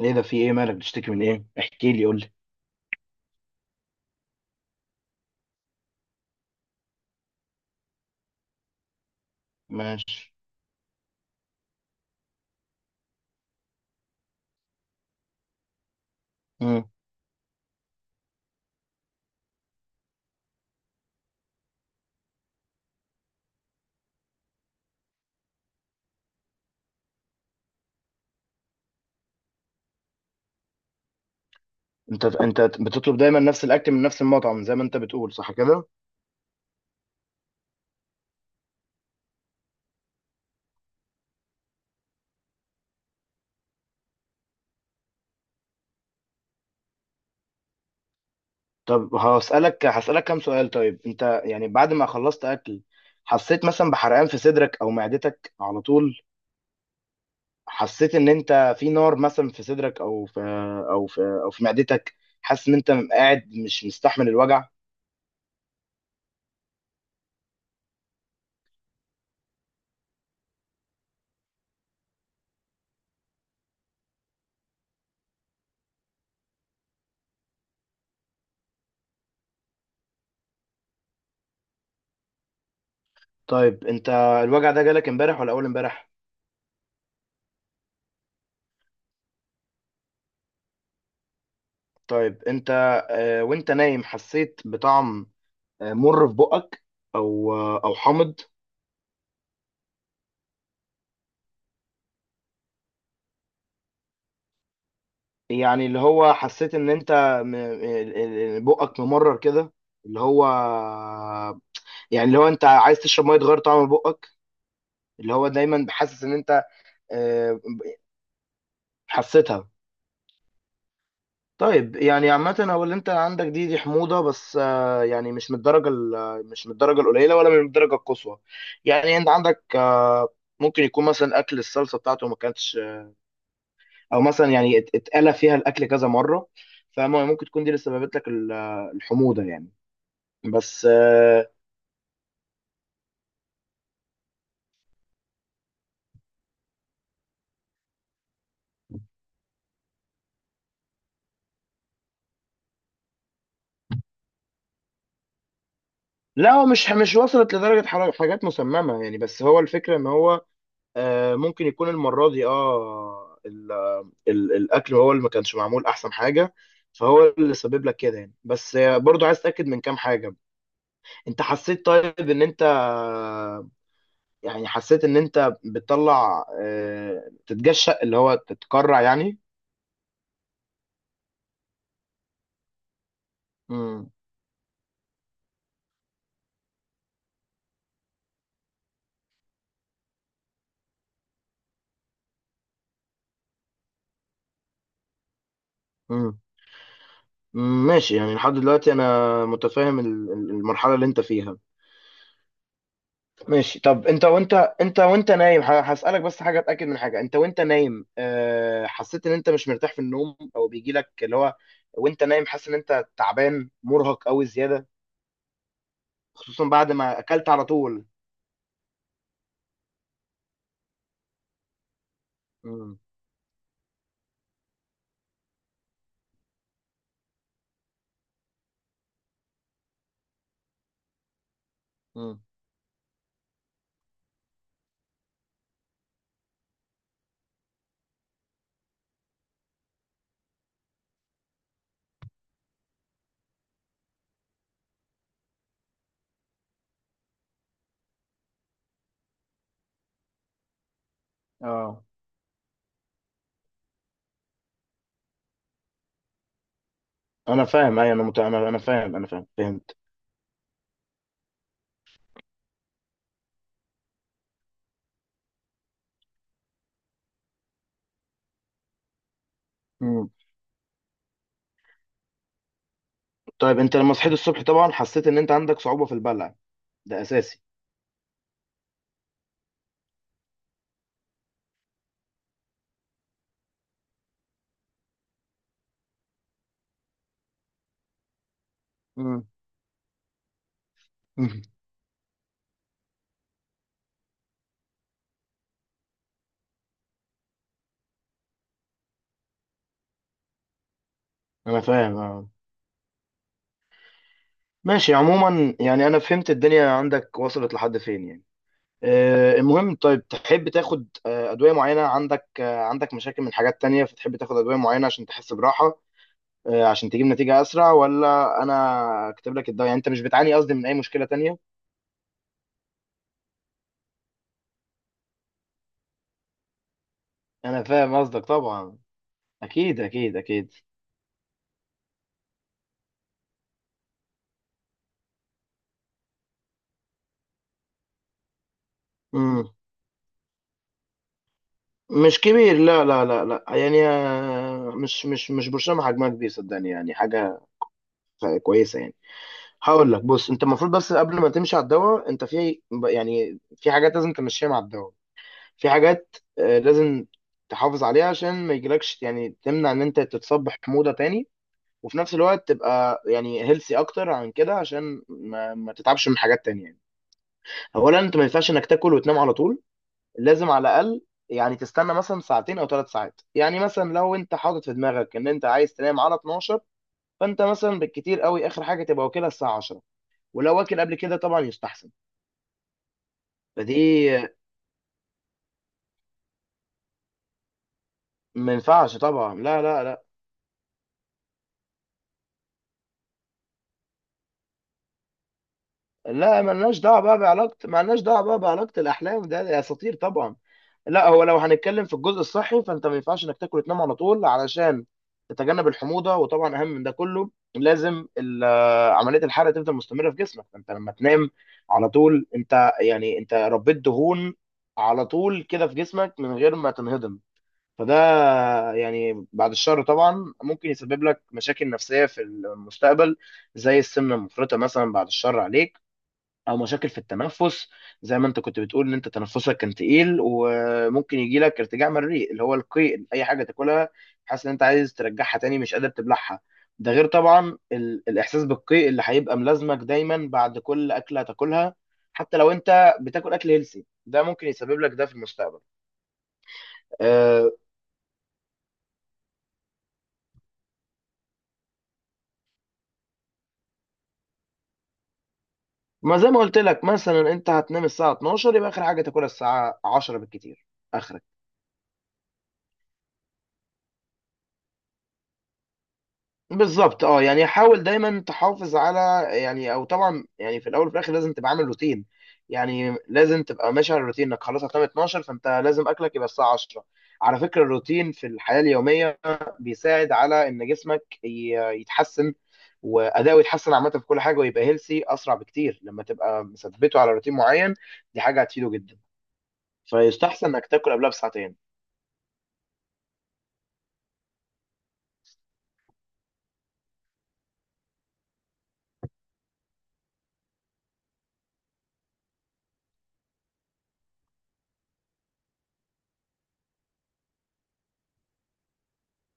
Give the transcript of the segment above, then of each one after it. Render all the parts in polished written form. ايه ده؟ في ايه؟ مالك؟ بتشتكي من ايه؟ احكي لي، قول لي. ماشي. مم. انت بتطلب دايما نفس الاكل من نفس المطعم زي ما انت بتقول، صح كده؟ طب هسألك كام سؤال. طيب انت يعني بعد ما خلصت اكل، حسيت مثلا بحرقان في صدرك او معدتك على طول؟ حسيت ان انت في نار مثلا في صدرك او في معدتك؟ حاسس ان انت قاعد مش مستحمل الوجع؟ طيب انت، الوجع ده جالك امبارح ولا اول امبارح؟ طيب انت، وانت نايم حسيت بطعم مر في بقك، او حامض؟ يعني اللي هو حسيت ان انت م- ال- بقك ممرر كده، اللي هو يعني اللي هو انت عايز تشرب ميه تغير طعم بقك، اللي هو دايما حاسس ان انت، آه، حسيتها. طيب يعني عامة، هو اللي انت عندك دي حموضة، بس يعني مش من الدرجة القليلة ولا من الدرجة القصوى. يعني انت عندك ممكن يكون مثلا اكل الصلصة بتاعته ما كانتش، او مثلا يعني اتقلى فيها الاكل كذا مره، فممكن تكون دي اللي سببت لك الحموضه يعني، بس لا هو مش وصلت لدرجه حاجات مسممه يعني، بس هو الفكره ان هو ممكن يكون المره دي الاكل هو اللي ما كانش معمول احسن حاجه. فهو اللي سبب لك كده يعني، بس برضو عايز اتاكد من كام حاجه. انت حسيت طيب ان انت يعني حسيت ان انت بتطلع تتجشأ، اللي هو تتكرع يعني؟ امم. ماشي، يعني لحد دلوقتي انا متفاهم المرحله اللي انت فيها. ماشي. طب انت وانت، انت وانت نايم، هسالك بس حاجه، اتاكد من حاجه. انت وانت نايم، حسيت ان انت مش مرتاح في النوم، او بيجي لك اللي هو وانت نايم حاسس ان انت تعبان مرهق قوي زياده خصوصا بعد ما اكلت على طول؟ امم. امم. اه انا فاهم. اي انا انا فاهم، انا فاهم، فهمت. امم. طيب انت لما صحيت الصبح طبعا حسيت ان انت عندك صعوبه في البلع، ده اساسي. امم. انا فاهم اه. ماشي، عموما يعني انا فهمت الدنيا عندك وصلت لحد فين يعني. المهم، طيب تحب تاخد ادويه معينه؟ عندك، عندك مشاكل من حاجات تانية فتحب تاخد ادويه معينه عشان تحس براحه، عشان تجيب نتيجه اسرع؟ ولا انا اكتب لك الدواء، يعني انت مش بتعاني قصدي من اي مشكله تانية؟ انا فاهم قصدك طبعا. اكيد، اكيد، اكيد. مم. مش كبير، لا، لا، لا، لا، يعني مش برشام حجمها كبير، صدقني، يعني حاجه كويسه يعني. هقول لك، بص، انت المفروض، بس قبل ما تمشي على الدواء، انت في، يعني في حاجات لازم تمشيها مع الدواء، في حاجات لازم تحافظ عليها عشان ما يجيلكش، يعني تمنع ان انت تتصاب بحموضه تاني، وفي نفس الوقت تبقى يعني هيلثي اكتر عن كده عشان ما تتعبش من حاجات تانية يعني. اولا، انت ما ينفعش انك تاكل وتنام على طول، لازم على الاقل يعني تستنى مثلا ساعتين او 3 ساعات. يعني مثلا لو انت حاطط في دماغك ان انت عايز تنام على 12، فانت مثلا بالكتير قوي اخر حاجه تبقى واكلها الساعه 10، ولو واكل قبل كده طبعا يستحسن. فدي. ما ينفعش طبعا، لا، لا، لا. لا، مالناش دعوه بقى بعلاقه الاحلام، ده اساطير طبعا. لا، هو لو هنتكلم في الجزء الصحي، فانت ما ينفعش انك تاكل وتنام على طول علشان تتجنب الحموضه. وطبعا اهم من ده كله، لازم عمليه الحرق تفضل مستمره في جسمك. فانت لما تنام على طول، انت يعني انت ربيت دهون على طول كده في جسمك من غير ما تنهضم. فده يعني بعد الشر طبعا ممكن يسبب لك مشاكل نفسية في المستقبل، زي السمنة المفرطة مثلا، بعد الشر عليك، أو مشاكل في التنفس، زي ما أنت كنت بتقول إن أنت تنفسك كان تقيل، وممكن يجي لك ارتجاع مريء، اللي هو القيء، أي حاجة تاكلها حاسس إن أنت عايز ترجعها تاني، مش قادر تبلعها. ده غير طبعا الإحساس بالقيء اللي هيبقى ملازمك دايما بعد كل أكلة هتاكلها. حتى لو أنت بتاكل أكل هيلسي، ده ممكن يسبب لك ده في المستقبل. آه، ما زي ما قلت لك مثلا انت هتنام الساعه 12، يبقى اخر حاجه تاكلها الساعه 10 بالكتير، اخرك. بالظبط، اه، يعني حاول دايما تحافظ على، يعني، او طبعا يعني في الاول وفي الاخر لازم تبقى عامل روتين. يعني لازم تبقى ماشي على الروتين، انك خلاص هتنام 12 فانت لازم اكلك يبقى الساعه 10. على فكره، الروتين في الحياه اليوميه بيساعد على ان جسمك يتحسن، واداؤه يتحسن عامه في كل حاجه، ويبقى هيلسي اسرع بكتير لما تبقى مثبته على روتين معين. دي حاجه هتفيده جدا. فيستحسن انك تاكل قبلها بساعتين.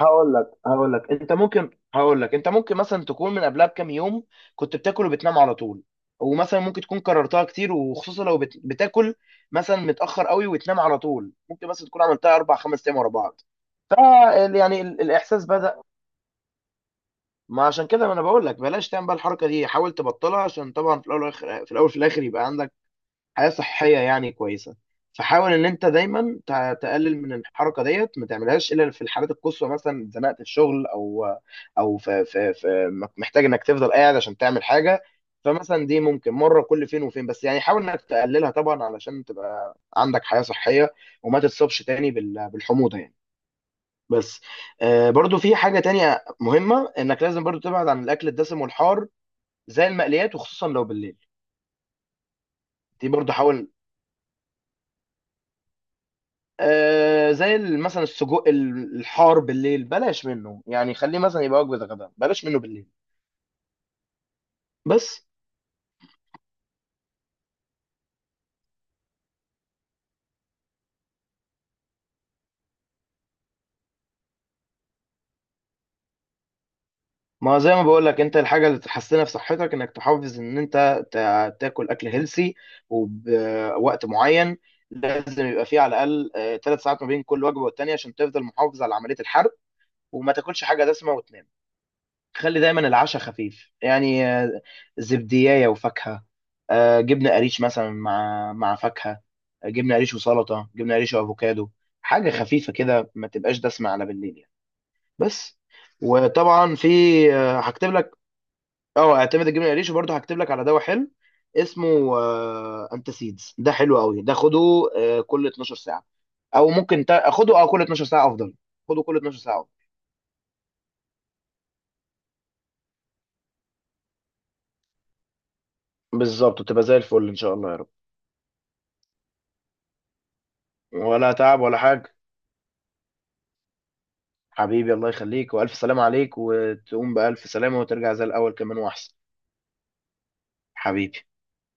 هقول لك انت ممكن مثلا تكون من قبلها بكام يوم كنت بتاكل وبتنام على طول، ومثلا ممكن تكون كررتها كتير، وخصوصا لو بتاكل مثلا متاخر قوي وتنام على طول، ممكن مثلا تكون عملتها اربع خمس ايام ورا بعض. ف. يعني الاحساس بدا. ما عشان كده، ما انا بقول لك بلاش تعمل بقى الحركه دي، حاول تبطلها، عشان طبعا في الاول والاخر، في الاول في الاخر يبقى عندك حياة صحية يعني كويسة. فحاول ان انت دايما تقلل من الحركة ديت، ما تعملهاش الا في الحالات القصوى، مثلا اتزنقت في شغل، او في, محتاج انك تفضل قاعد عشان تعمل حاجة. فمثلا دي ممكن مرة كل فين وفين، بس يعني حاول انك تقللها طبعا علشان تبقى عندك حياة صحية وما تتصابش تاني بالحموضة يعني. بس برضو في حاجة تانية مهمة، انك لازم برضو تبعد عن الاكل الدسم والحار زي المقليات، وخصوصا لو بالليل. دي برضو حاول، زي مثلا السجق الحار بالليل بلاش منه، يعني خليه مثلا يبقى وجبه غدا، بلاش منه بالليل. بس ما زي ما بقول لك، انت الحاجه اللي تحسنها في صحتك انك تحافظ ان انت تاكل اكل هيلسي وبوقت معين. لازم يبقى فيه على الاقل 3 ساعات ما بين كل وجبه والتانيه عشان تفضل محافظ على عمليه الحرق، وما تاكلش حاجه دسمه وتنام. خلي دايما العشاء خفيف، يعني زبدية وفاكهة، جبنة قريش مثلا مع فاكهة، جبنة قريش وسلطة، جبنة قريش وأفوكادو، حاجة خفيفة كده، ما تبقاش دسمة على بالليل يعني. بس، وطبعا في، هكتب لك. اه اعتمد الجبنة قريش، وبرضه هكتب لك على دواء حلو اسمه انتاسيدز، ده حلو قوي، ده خده كل 12 ساعة. او ممكن خده، اه، كل 12 ساعة افضل. خده كل 12 ساعة أفضل. بالظبط تبقى زي الفل ان شاء الله يا رب. ولا تعب ولا حاجة. حبيبي، الله يخليك، والف سلام عليك، وتقوم بالف سلامه، وترجع زي الاول كمان واحسن. حبيبي.